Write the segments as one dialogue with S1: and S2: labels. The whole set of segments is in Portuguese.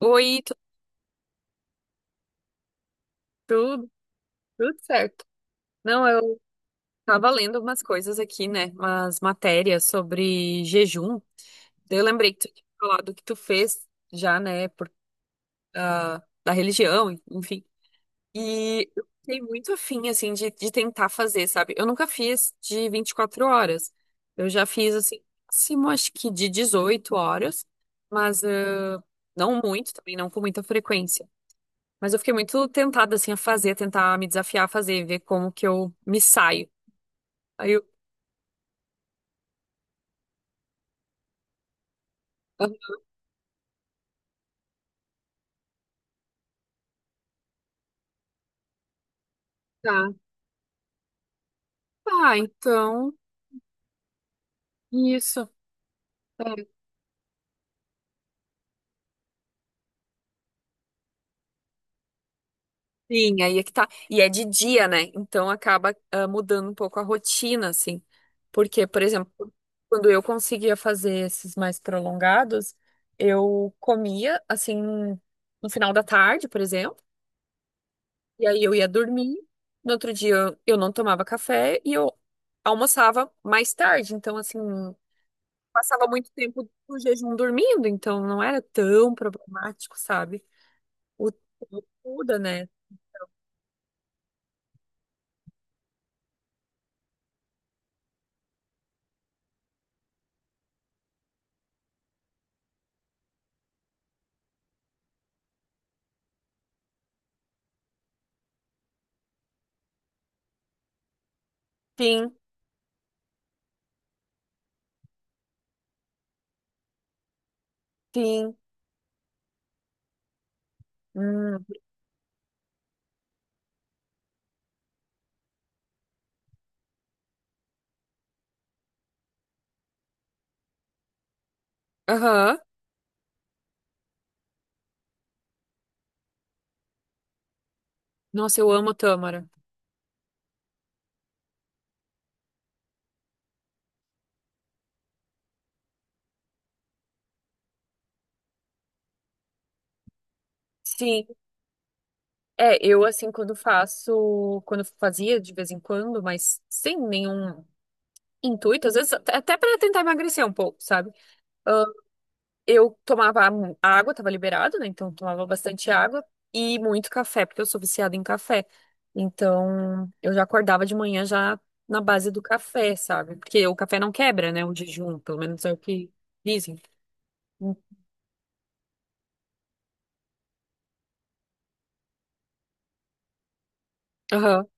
S1: Oi, tudo, tudo certo. Não, eu tava lendo umas coisas aqui, né? Umas matérias sobre jejum. Daí eu lembrei que tu tinha falado que tu fez já, né? Por, da religião, enfim. E eu fiquei muito afim, assim, de tentar fazer, sabe? Eu nunca fiz de 24 horas. Eu já fiz, assim, máximo, acho que de 18 horas, mas não muito também, não com muita frequência. Mas eu fiquei muito tentada, assim, a fazer, tentar me desafiar a fazer, ver como que eu me saio. Aí eu, ah, tá. Ah, então, isso. É. Sim, aí é que tá. E é de dia, né? Então acaba mudando um pouco a rotina, assim. Porque, por exemplo, quando eu conseguia fazer esses mais prolongados, eu comia, assim, no final da tarde, por exemplo, e aí eu ia dormir. No outro dia eu não tomava café e eu almoçava mais tarde. Então, assim, passava muito tempo no jejum dormindo, então não era tão problemático, sabe? O tempo muda, né? Sim, sim. Hum. Aham. Nossa, eu amo tâmara. Sim. É, eu assim, quando faço, quando fazia de vez em quando, mas sem nenhum intuito, às vezes até para tentar emagrecer um pouco, sabe? Eu tomava água, tava liberado, né? Então eu tomava bastante água e muito café, porque eu sou viciada em café. Então eu já acordava de manhã já na base do café, sabe? Porque o café não quebra, né? O jejum, pelo menos é o que dizem. Hum. Aham.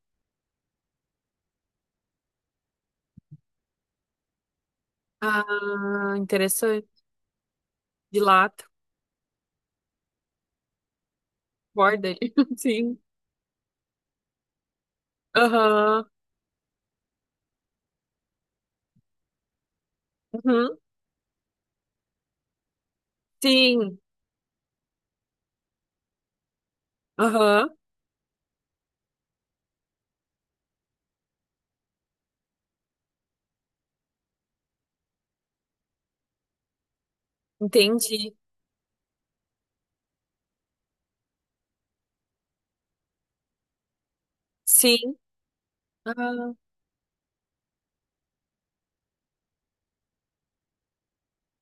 S1: Ah, interessante. Dilata, borda ele. Sim. Aham. Uhum. Sim. Aham. Entendi. Sim. Ah,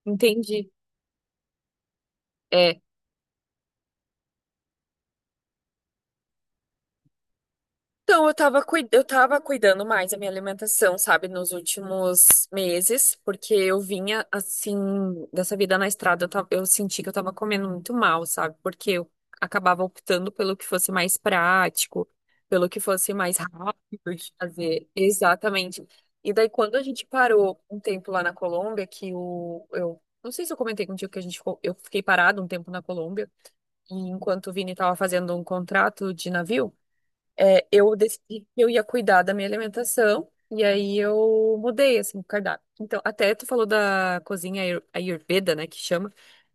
S1: entendi. É. Então, eu tava cuidando mais da minha alimentação, sabe, nos últimos meses, porque eu vinha, assim, dessa vida na estrada, eu senti que eu tava comendo muito mal, sabe, porque eu acabava optando pelo que fosse mais prático, pelo que fosse mais rápido de fazer, exatamente. E daí, quando a gente parou um tempo lá na Colômbia, não sei se eu comentei contigo que a gente ficou, eu fiquei parado um tempo na Colômbia, e enquanto o Vini tava fazendo um contrato de navio, é, eu decidi que eu ia cuidar da minha alimentação e aí eu mudei assim o cardápio. Então, até tu falou da cozinha Ayurveda, né, que chama.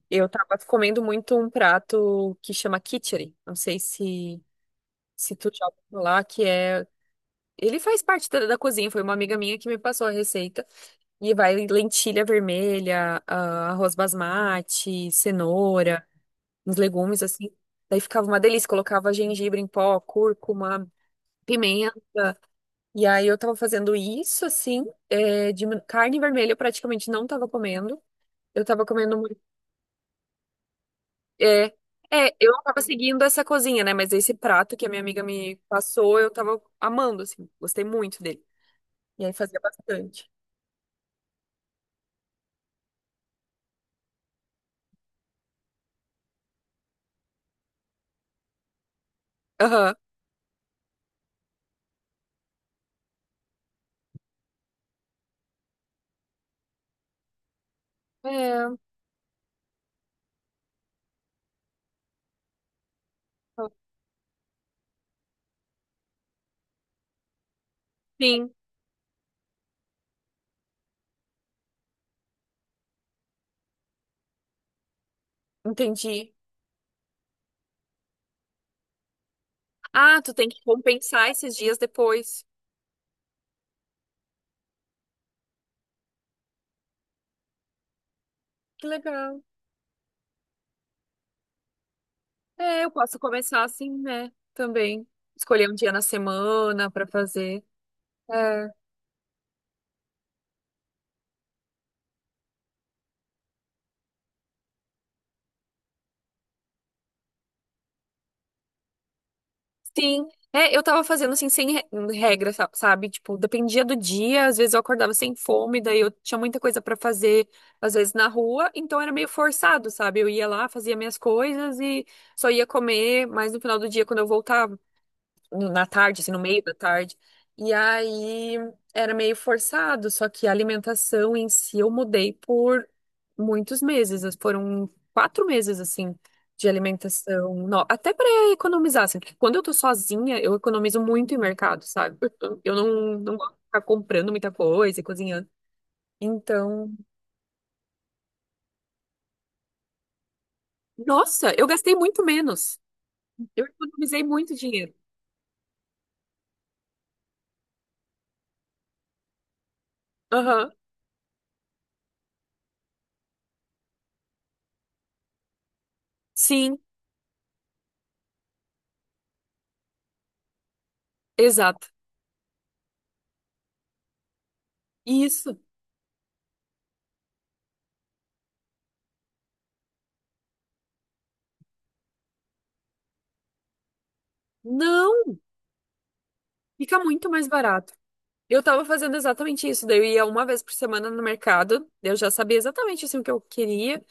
S1: Eu tava comendo muito um prato que chama khichdi. Não sei se tu já ouviu falar, que é ele faz parte da cozinha, foi uma amiga minha que me passou a receita. E vai lentilha vermelha, ah, arroz basmati, cenoura, uns legumes assim. Daí ficava uma delícia, colocava gengibre em pó, cúrcuma, pimenta e aí eu tava fazendo isso, assim, é, de carne vermelha eu praticamente não tava comendo. Eu tava comendo muito. É, é, eu não tava seguindo essa cozinha, né? Mas esse prato que a minha amiga me passou, eu tava amando, assim, gostei muito dele. E aí fazia bastante. Aham. É, sim, entendi. Ah, tu tem que compensar esses dias depois. Que legal. É, eu posso começar assim, né? Também. Escolher um dia na semana pra fazer. É. Sim, é, eu tava fazendo assim, sem re- regra, sabe? Tipo, dependia do dia, às vezes eu acordava sem fome, daí eu tinha muita coisa pra fazer, às vezes na rua, então era meio forçado, sabe? Eu ia lá, fazia minhas coisas e só ia comer mais no final do dia quando eu voltava na tarde, assim, no meio da tarde. E aí era meio forçado, só que a alimentação em si eu mudei por muitos meses, foram 4 meses, assim, de alimentação, até para economizar, assim, porque quando eu tô sozinha, eu economizo muito em mercado, sabe? Eu não, Não gosto de ficar comprando muita coisa e cozinhando. Então, nossa, eu gastei muito menos. Eu economizei muito dinheiro. Aham. Sim, exato. Isso. Não, fica muito mais barato. Eu tava fazendo exatamente isso. Daí eu ia uma vez por semana no mercado. Eu já sabia exatamente assim, o que eu queria.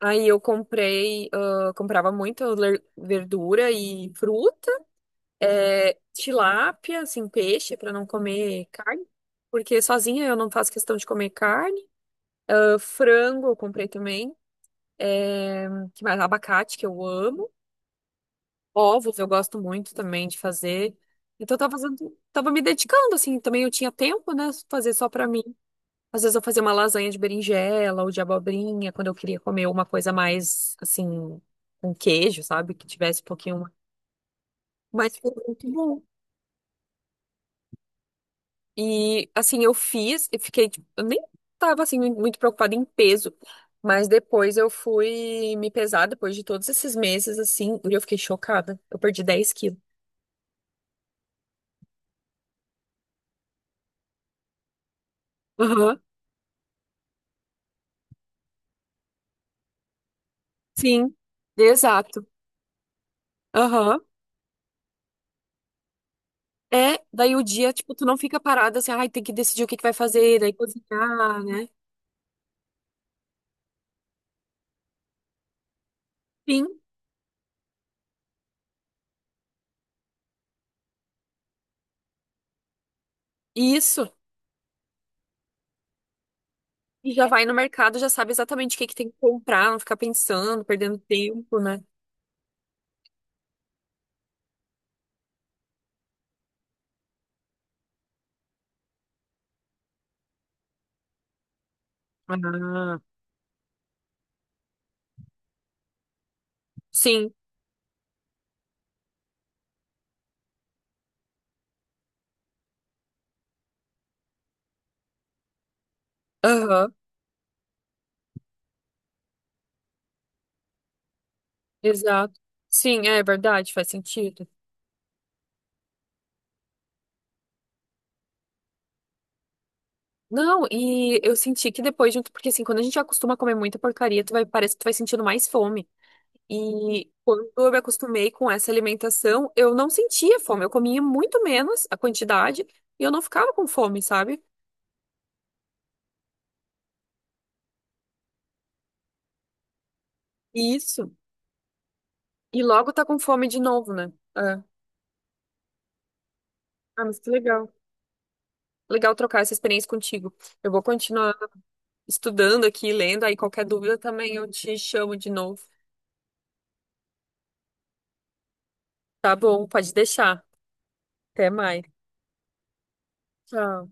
S1: Aí eu comprei, ah, comprava muito verdura e fruta, é, tilápia, assim, peixe, para não comer carne, porque sozinha eu não faço questão de comer carne. Ah, frango eu comprei também, é, que mais? Abacate, que eu amo. Ovos eu gosto muito também de fazer. Então eu tava fazendo, tava me dedicando, assim, também eu tinha tempo, né, fazer só para mim. Às vezes eu fazia uma lasanha de berinjela ou de abobrinha, quando eu queria comer uma coisa mais, assim, com queijo, sabe? Que tivesse um pouquinho mais. Ficou muito bom. E, assim, eu fiz e fiquei, tipo, eu nem tava, assim, muito preocupada em peso. Mas depois eu fui me pesar, depois de todos esses meses, assim, e eu fiquei chocada. Eu perdi 10 quilos. Aham, sim, exato. Aham. É, daí o dia, tipo, tu não fica parada assim, ai, tem que decidir o que que vai fazer, daí cozinhar, né? Sim, isso. E já vai no mercado, já sabe exatamente o que que tem que comprar, não ficar pensando, perdendo tempo, né? Aham. Sim, aham, exato. Sim, é verdade, faz sentido. Não, e eu senti que depois, junto, porque assim, quando a gente já acostuma a comer muita porcaria, tu vai, parece que tu vai sentindo mais fome. E quando eu me acostumei com essa alimentação, eu não sentia fome, eu comia muito menos a quantidade e eu não ficava com fome, sabe? Isso. E logo tá com fome de novo, né? É. Ah, mas que legal. Legal trocar essa experiência contigo. Eu vou continuar estudando aqui, lendo, aí qualquer dúvida também eu te chamo de novo. Tá bom, pode deixar. Até mais. Tchau.